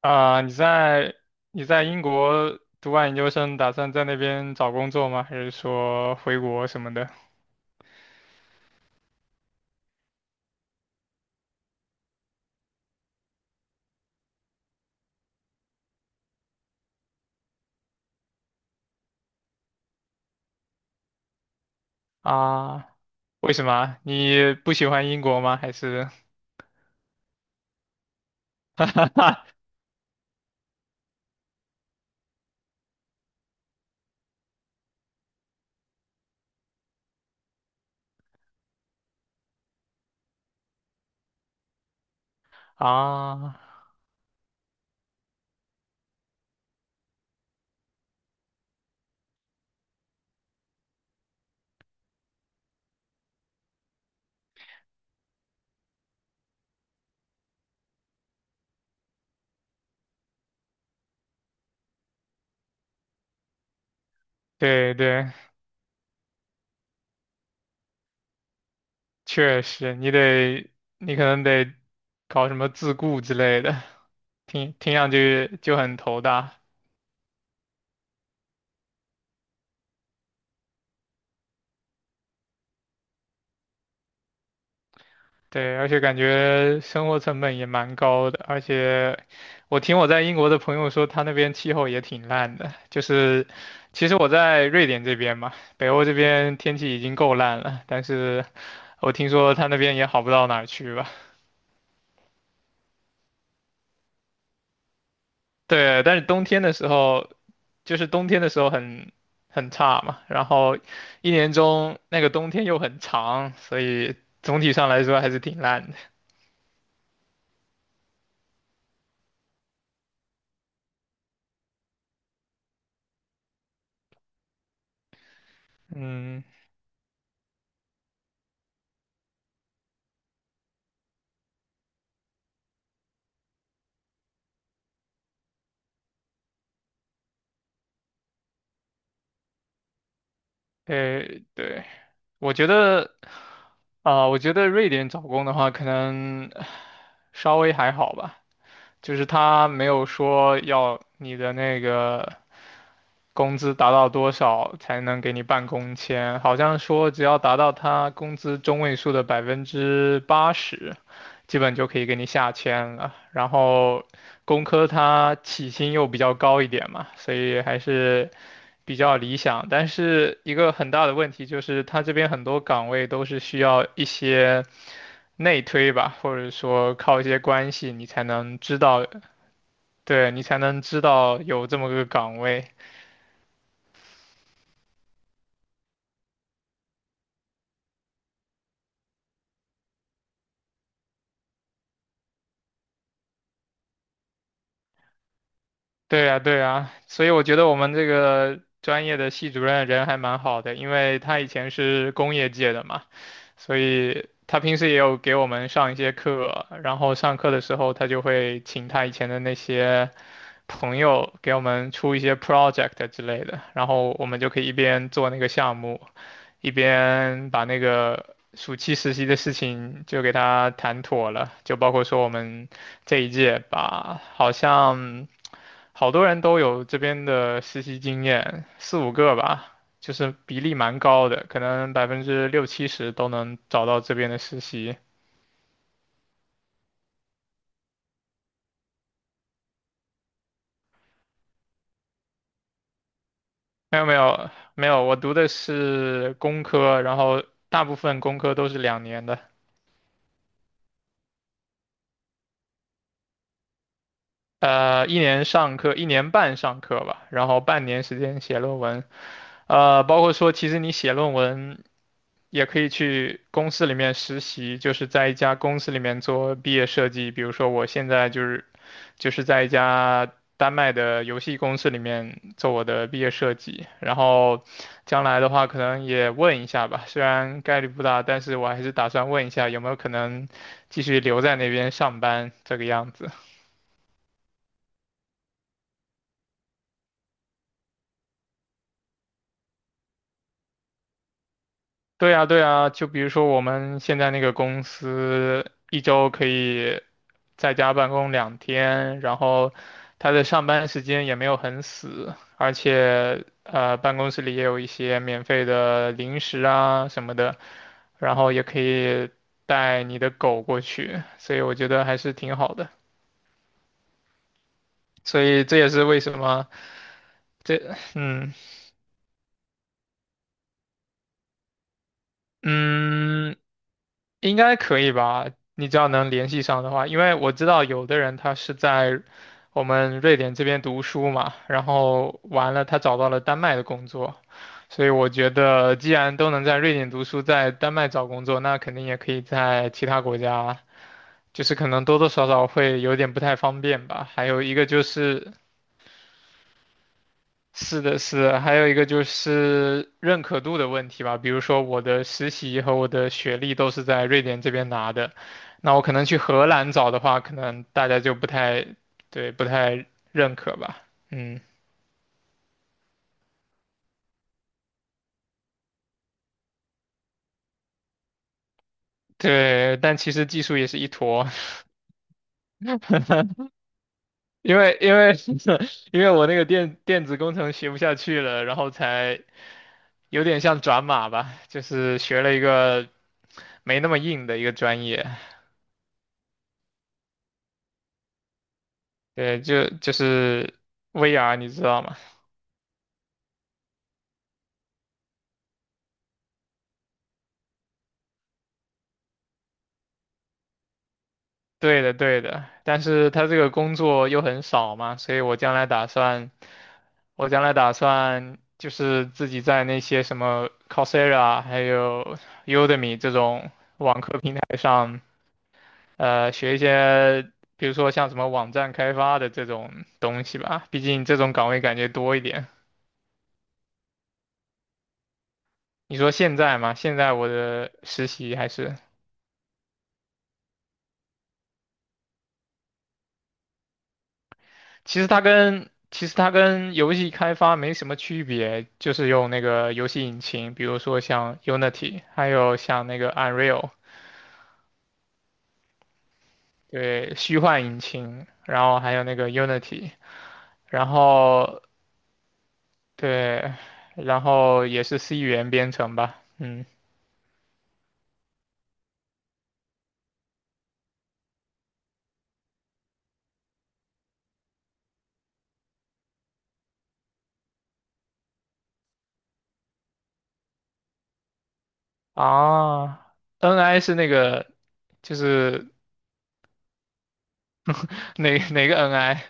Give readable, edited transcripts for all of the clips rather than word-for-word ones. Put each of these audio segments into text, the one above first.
啊，你在英国读完研究生，打算在那边找工作吗？还是说回国什么的？啊，为什么啊？你不喜欢英国吗？还是 啊，对对，确实，你可能得搞什么自雇之类的，听上去就很头大。对，而且感觉生活成本也蛮高的，而且我听我在英国的朋友说，他那边气候也挺烂的。就是其实我在瑞典这边嘛，北欧这边天气已经够烂了，但是我听说他那边也好不到哪儿去吧。对，但是冬天的时候，就是冬天的时候很差嘛，然后一年中那个冬天又很长，所以总体上来说还是挺烂的。嗯，诶，对，我觉得。啊，我觉得瑞典找工的话，可能稍微还好吧，就是他没有说要你的那个工资达到多少才能给你办工签，好像说只要达到他工资中位数的80%，基本就可以给你下签了。然后工科它起薪又比较高一点嘛，所以还是比较理想。但是一个很大的问题就是，他这边很多岗位都是需要一些内推吧，或者说靠一些关系，你才能知道。对，你才能知道有这么个岗位。对呀，对呀，所以我觉得我们这个专业的系主任人还蛮好的，因为他以前是工业界的嘛，所以他平时也有给我们上一些课，然后上课的时候他就会请他以前的那些朋友给我们出一些 project 之类的，然后我们就可以一边做那个项目，一边把那个暑期实习的事情就给他谈妥了，就包括说我们这一届吧，好像好多人都有这边的实习经验，4、5个吧，就是比例蛮高的，可能60%到70%都能找到这边的实习。没有没有没有，我读的是工科，然后大部分工科都是2年的。一年上课，1年半上课吧，然后半年时间写论文。包括说，其实你写论文也可以去公司里面实习，就是在一家公司里面做毕业设计。比如说，我现在就是在一家丹麦的游戏公司里面做我的毕业设计。然后将来的话，可能也问一下吧，虽然概率不大，但是我还是打算问一下有没有可能继续留在那边上班这个样子。对呀，对呀，就比如说我们现在那个公司，一周可以在家办公2天，然后他的上班时间也没有很死，而且办公室里也有一些免费的零食啊什么的，然后也可以带你的狗过去，所以我觉得还是挺好的。所以这也是为什么这，嗯嗯，应该可以吧？你只要能联系上的话，因为我知道有的人他是在我们瑞典这边读书嘛，然后完了他找到了丹麦的工作，所以我觉得既然都能在瑞典读书，在丹麦找工作，那肯定也可以在其他国家，就是可能多多少少会有点不太方便吧。还有一个就是，是的，是的，还有一个就是认可度的问题吧。比如说我的实习和我的学历都是在瑞典这边拿的，那我可能去荷兰找的话，可能大家就不太，对，不太认可吧。嗯，对，但其实技术也是一坨，因为因为 因为我那个电子工程学不下去了，然后才有点像转码吧，就是学了一个没那么硬的一个专业，对，就是 VR，你知道吗？对的，对的，但是他这个工作又很少嘛，所以我将来打算，我将来打算就是自己在那些什么 Coursera 还有 Udemy 这种网课平台上，学一些，比如说像什么网站开发的这种东西吧，毕竟这种岗位感觉多一点。你说现在嘛，现在我的实习还是。其实它跟游戏开发没什么区别，就是用那个游戏引擎，比如说像 Unity，还有像那个 Unreal，对，虚幻引擎，然后还有那个 Unity，然后对，然后也是 C 语言编程吧，嗯啊，NI 是那个就是哪个 NI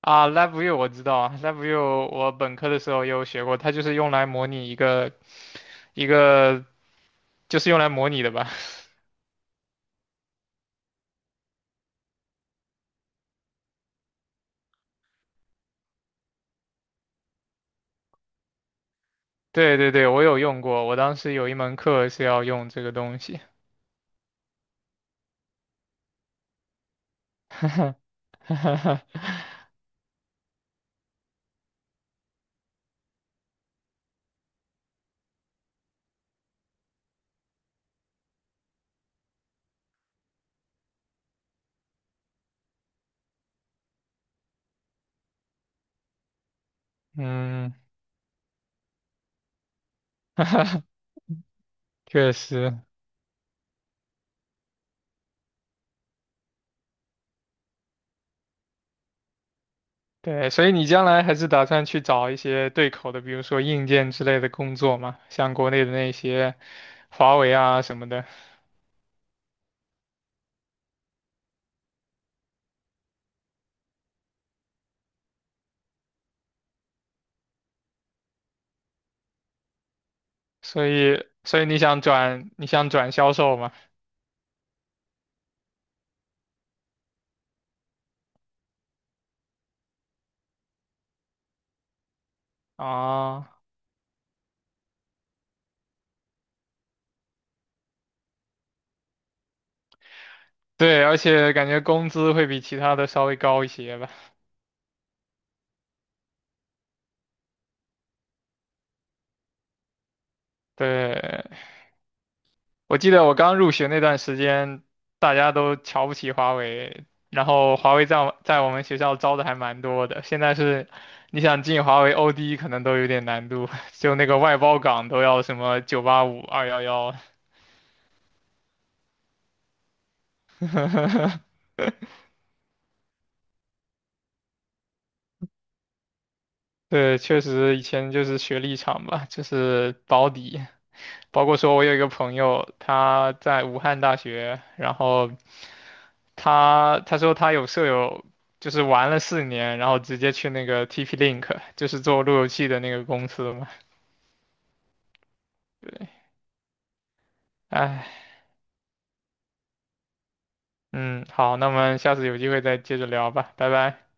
啊？LabVIEW 我知道啊，LabVIEW 我本科的时候也有学过，它就是用来模拟一个。一个就是用来模拟的吧？对对对，我有用过，我当时有一门课是要用这个东西。嗯，确实，对，所以你将来还是打算去找一些对口的，比如说硬件之类的工作嘛，像国内的那些华为啊什么的。所以你想转销售嘛？啊，对，而且感觉工资会比其他的稍微高一些吧？对，我记得我刚入学那段时间，大家都瞧不起华为，然后华为在我们学校招的还蛮多的。现在是，你想进华为 OD 可能都有点难度，就那个外包岗都要什么985、211。对，确实以前就是学历场吧，就是保底。包括说我有一个朋友，他在武汉大学，然后他说他有舍友就是玩了4年，然后直接去那个 TP-Link，就是做路由器的那个公司嘛。对，哎，嗯，好，那我们下次有机会再接着聊吧，拜拜。